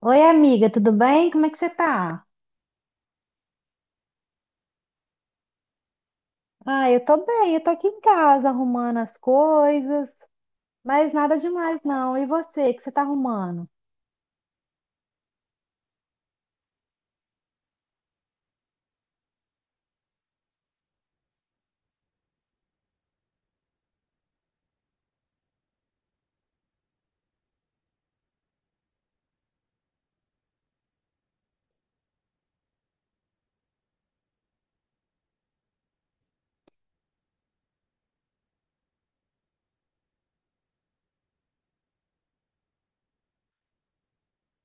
Oi, amiga, tudo bem? Como é que você tá? Ah, eu tô bem, eu tô aqui em casa arrumando as coisas, mas nada demais não. E você, o que você tá arrumando?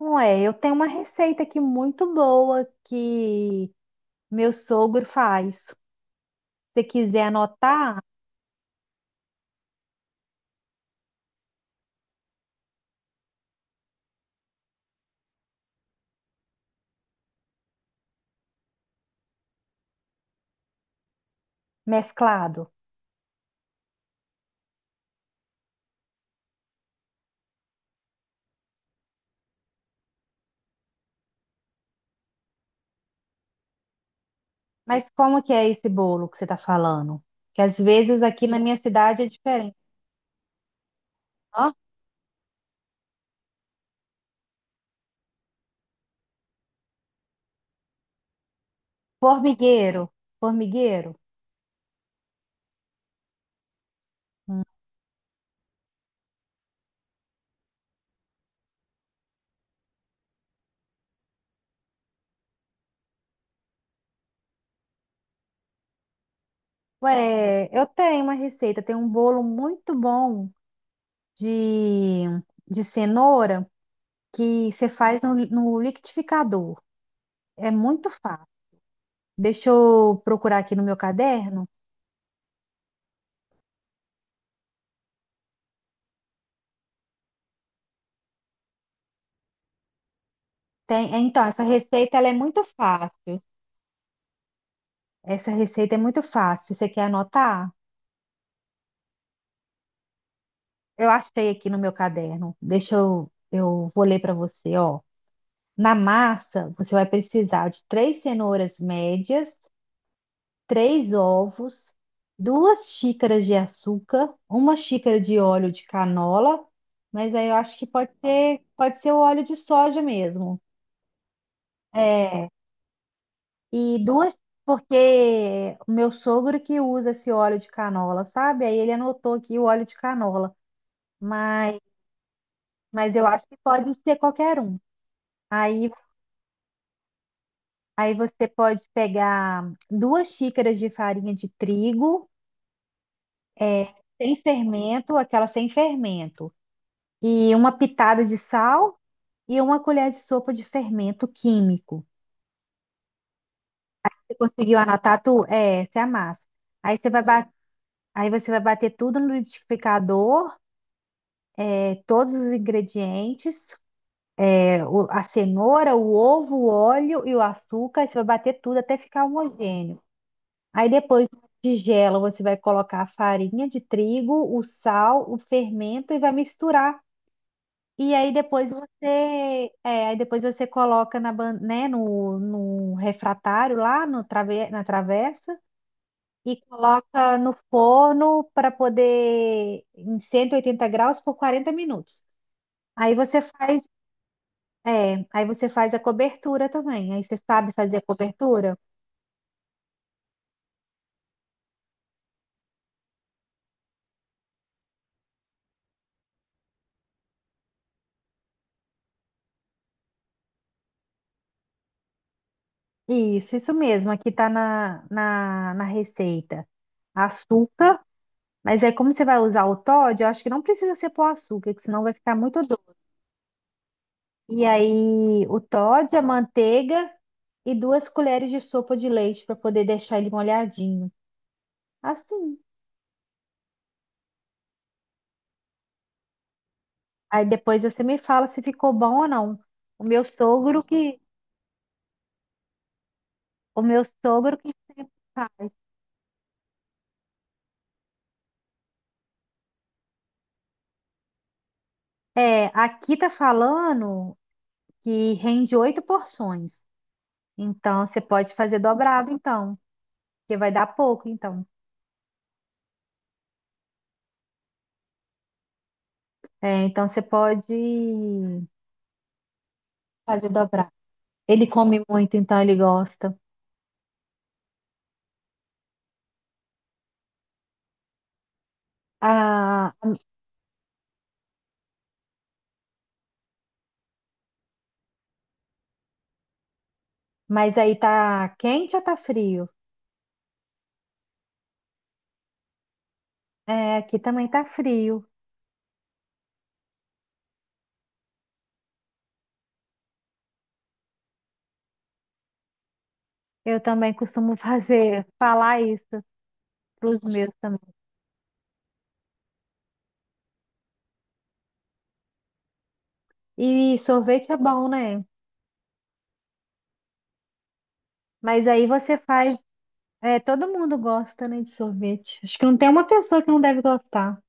Ué, eu tenho uma receita aqui muito boa que meu sogro faz. Se você quiser anotar, mesclado. Mas como que é esse bolo que você tá falando? Que às vezes aqui na minha cidade é diferente. Ó, formigueiro, formigueiro. Ué, eu tenho uma receita, tem um bolo muito bom de, de cenoura que você faz no liquidificador. É muito fácil. Deixa eu procurar aqui no meu caderno. Tem, é, então, essa receita ela é muito fácil. Essa receita é muito fácil. Você quer anotar? Eu achei aqui no meu caderno. Deixa eu, vou ler para você, ó. Na massa, você vai precisar de três cenouras médias, três ovos, 2 xícaras de açúcar, 1 xícara de óleo de canola, mas aí eu acho que pode ser o óleo de soja mesmo. É, e duas, porque o meu sogro que usa esse óleo de canola, sabe? Aí ele anotou aqui o óleo de canola, mas, eu acho que pode ser qualquer um. Aí, Aí você pode pegar 2 xícaras de farinha de trigo, sem fermento, aquela sem fermento. E uma pitada de sal e 1 colher de sopa de fermento químico. Você conseguiu anotar tu? É, essa é a massa. Aí você vai bater, aí você vai bater tudo no liquidificador, todos os ingredientes, a cenoura, o ovo, o óleo e o açúcar. Aí você vai bater tudo até ficar homogêneo. Aí depois na tigela você vai colocar a farinha de trigo, o sal, o fermento e vai misturar. Aí depois você coloca na, né, no refratário lá no trave, na travessa e coloca no forno para poder em 180 graus por 40 minutos. Aí você faz, aí você faz a cobertura também. Aí você sabe fazer a cobertura? Isso mesmo. Aqui tá na receita. Açúcar, mas aí como você vai usar o Toddy, eu acho que não precisa ser pôr açúcar, que senão vai ficar muito. E aí o Toddy, a manteiga e 2 colheres de sopa de leite para poder deixar ele molhadinho. Assim. Aí depois você me fala se ficou bom ou não. O meu sogro que, o meu sogro que faz. É, aqui tá falando que rende oito porções. Então você pode fazer dobrado, então, porque vai dar pouco, então. É, então você pode fazer dobrado. Ele come muito, então ele gosta. A Mas aí tá quente ou tá frio? É, aqui também tá frio. Eu também costumo falar isso pros meus também. E sorvete é bom, né? Mas aí você faz, é, todo mundo gosta, né, de sorvete. Acho que não tem uma pessoa que não deve gostar.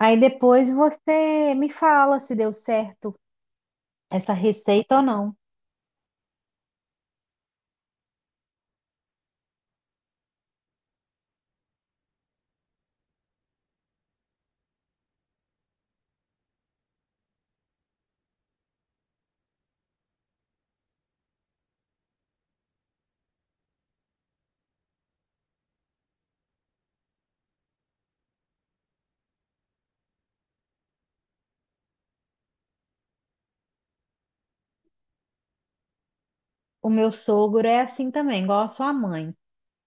Aí depois você me fala se deu certo essa receita ou não. O meu sogro é assim também, igual a sua mãe.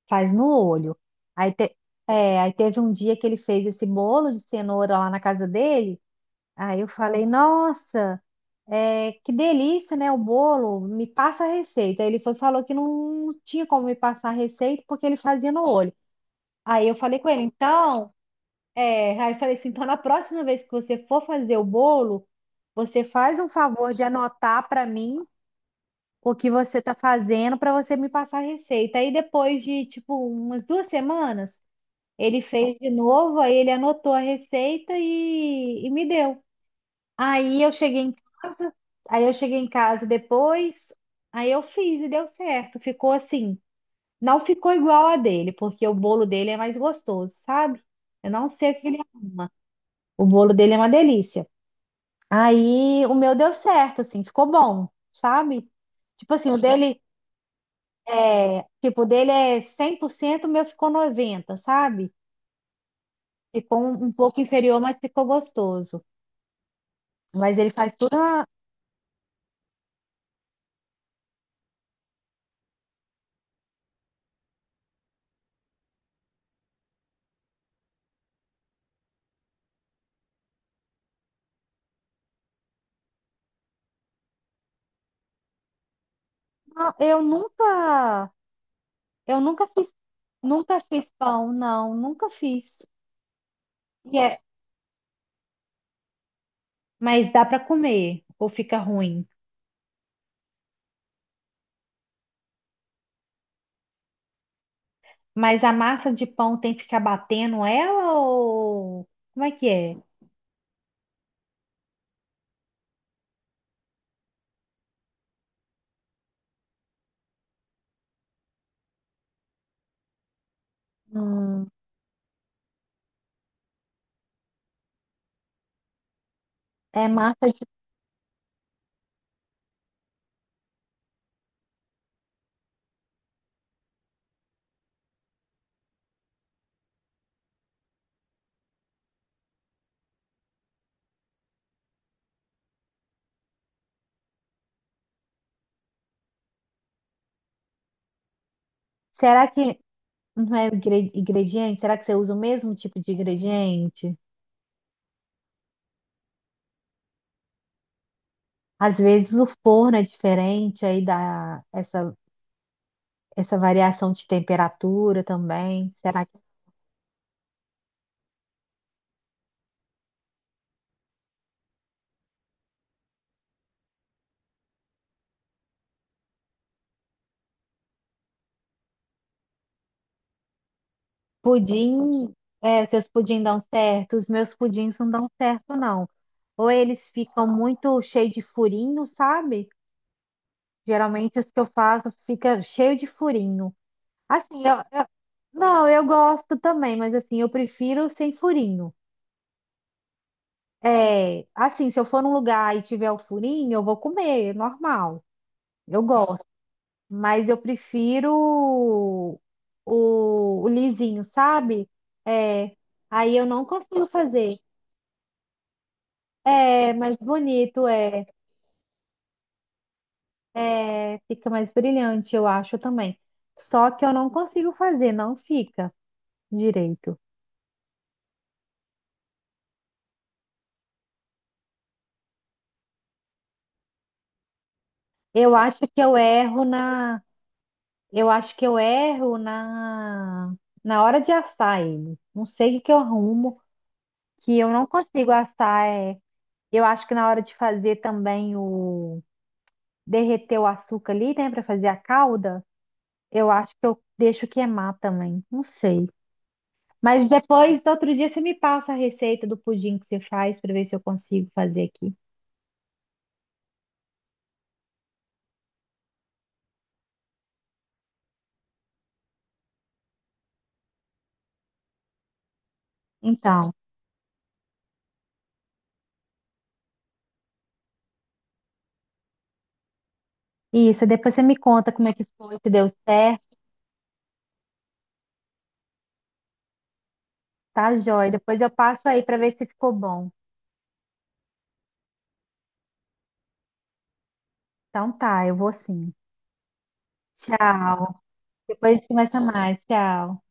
Faz no olho. Aí, te- aí teve um dia que ele fez esse bolo de cenoura lá na casa dele. Aí eu falei, nossa, que delícia, né? O bolo, me passa a receita. Aí ele foi, falou que não tinha como me passar a receita porque ele fazia no olho. Aí eu falei com ele, então, aí eu falei assim, então na próxima vez que você for fazer o bolo, você faz um favor de anotar para mim o que você tá fazendo para você me passar a receita. Aí depois de tipo umas 2 semanas, ele fez de novo, aí ele anotou a receita e me deu. Aí eu cheguei em casa, aí eu cheguei em casa depois, aí eu fiz e deu certo. Ficou assim, não ficou igual a dele, porque o bolo dele é mais gostoso, sabe? Eu não sei o que ele arruma. O bolo dele é uma delícia. Aí o meu deu certo, assim, ficou bom, sabe? Tipo assim, o dele o dele é 100%, o meu ficou 90, sabe? Ficou um pouco inferior, mas ficou gostoso. Mas ele faz tudo na- eu nunca eu nunca fiz. Nunca fiz pão, não, nunca fiz. E é, mas dá para comer, ou fica ruim. Mas a massa de pão tem que ficar batendo ela ou como é que é? Hum, é massa de. Será que não é ingrediente? Será que você usa o mesmo tipo de ingrediente? Às vezes o forno é diferente, aí dá essa variação de temperatura também. Será que Pudim, seus pudim dão certo, os meus pudins não dão certo, não. Ou eles ficam muito cheios de furinho, sabe? Geralmente os que eu faço fica cheio de furinho. Assim, eu, eu- não, eu gosto também, mas assim, eu prefiro sem furinho. É, assim, se eu for num lugar e tiver o furinho, eu vou comer, é normal. Eu gosto, mas eu prefiro o lisinho, sabe? É, aí eu não consigo fazer. É mais bonito, fica mais brilhante, eu acho também. Só que eu não consigo fazer, não fica direito. Eu acho que eu erro na, eu acho que eu erro na hora de assar ele. Não sei o que que eu arrumo, que eu não consigo assar. É. Eu acho que na hora de fazer também o derreter o açúcar ali, né, para fazer a calda, eu acho que eu deixo queimar também. Não sei. Mas depois, outro dia, você me passa a receita do pudim que você faz para ver se eu consigo fazer aqui. Então, isso. Depois você me conta como é que foi, se deu certo, tá, joia? Depois eu passo aí para ver se ficou bom. Então tá, eu vou sim. Tchau. Depois a gente conversa mais. Tchau.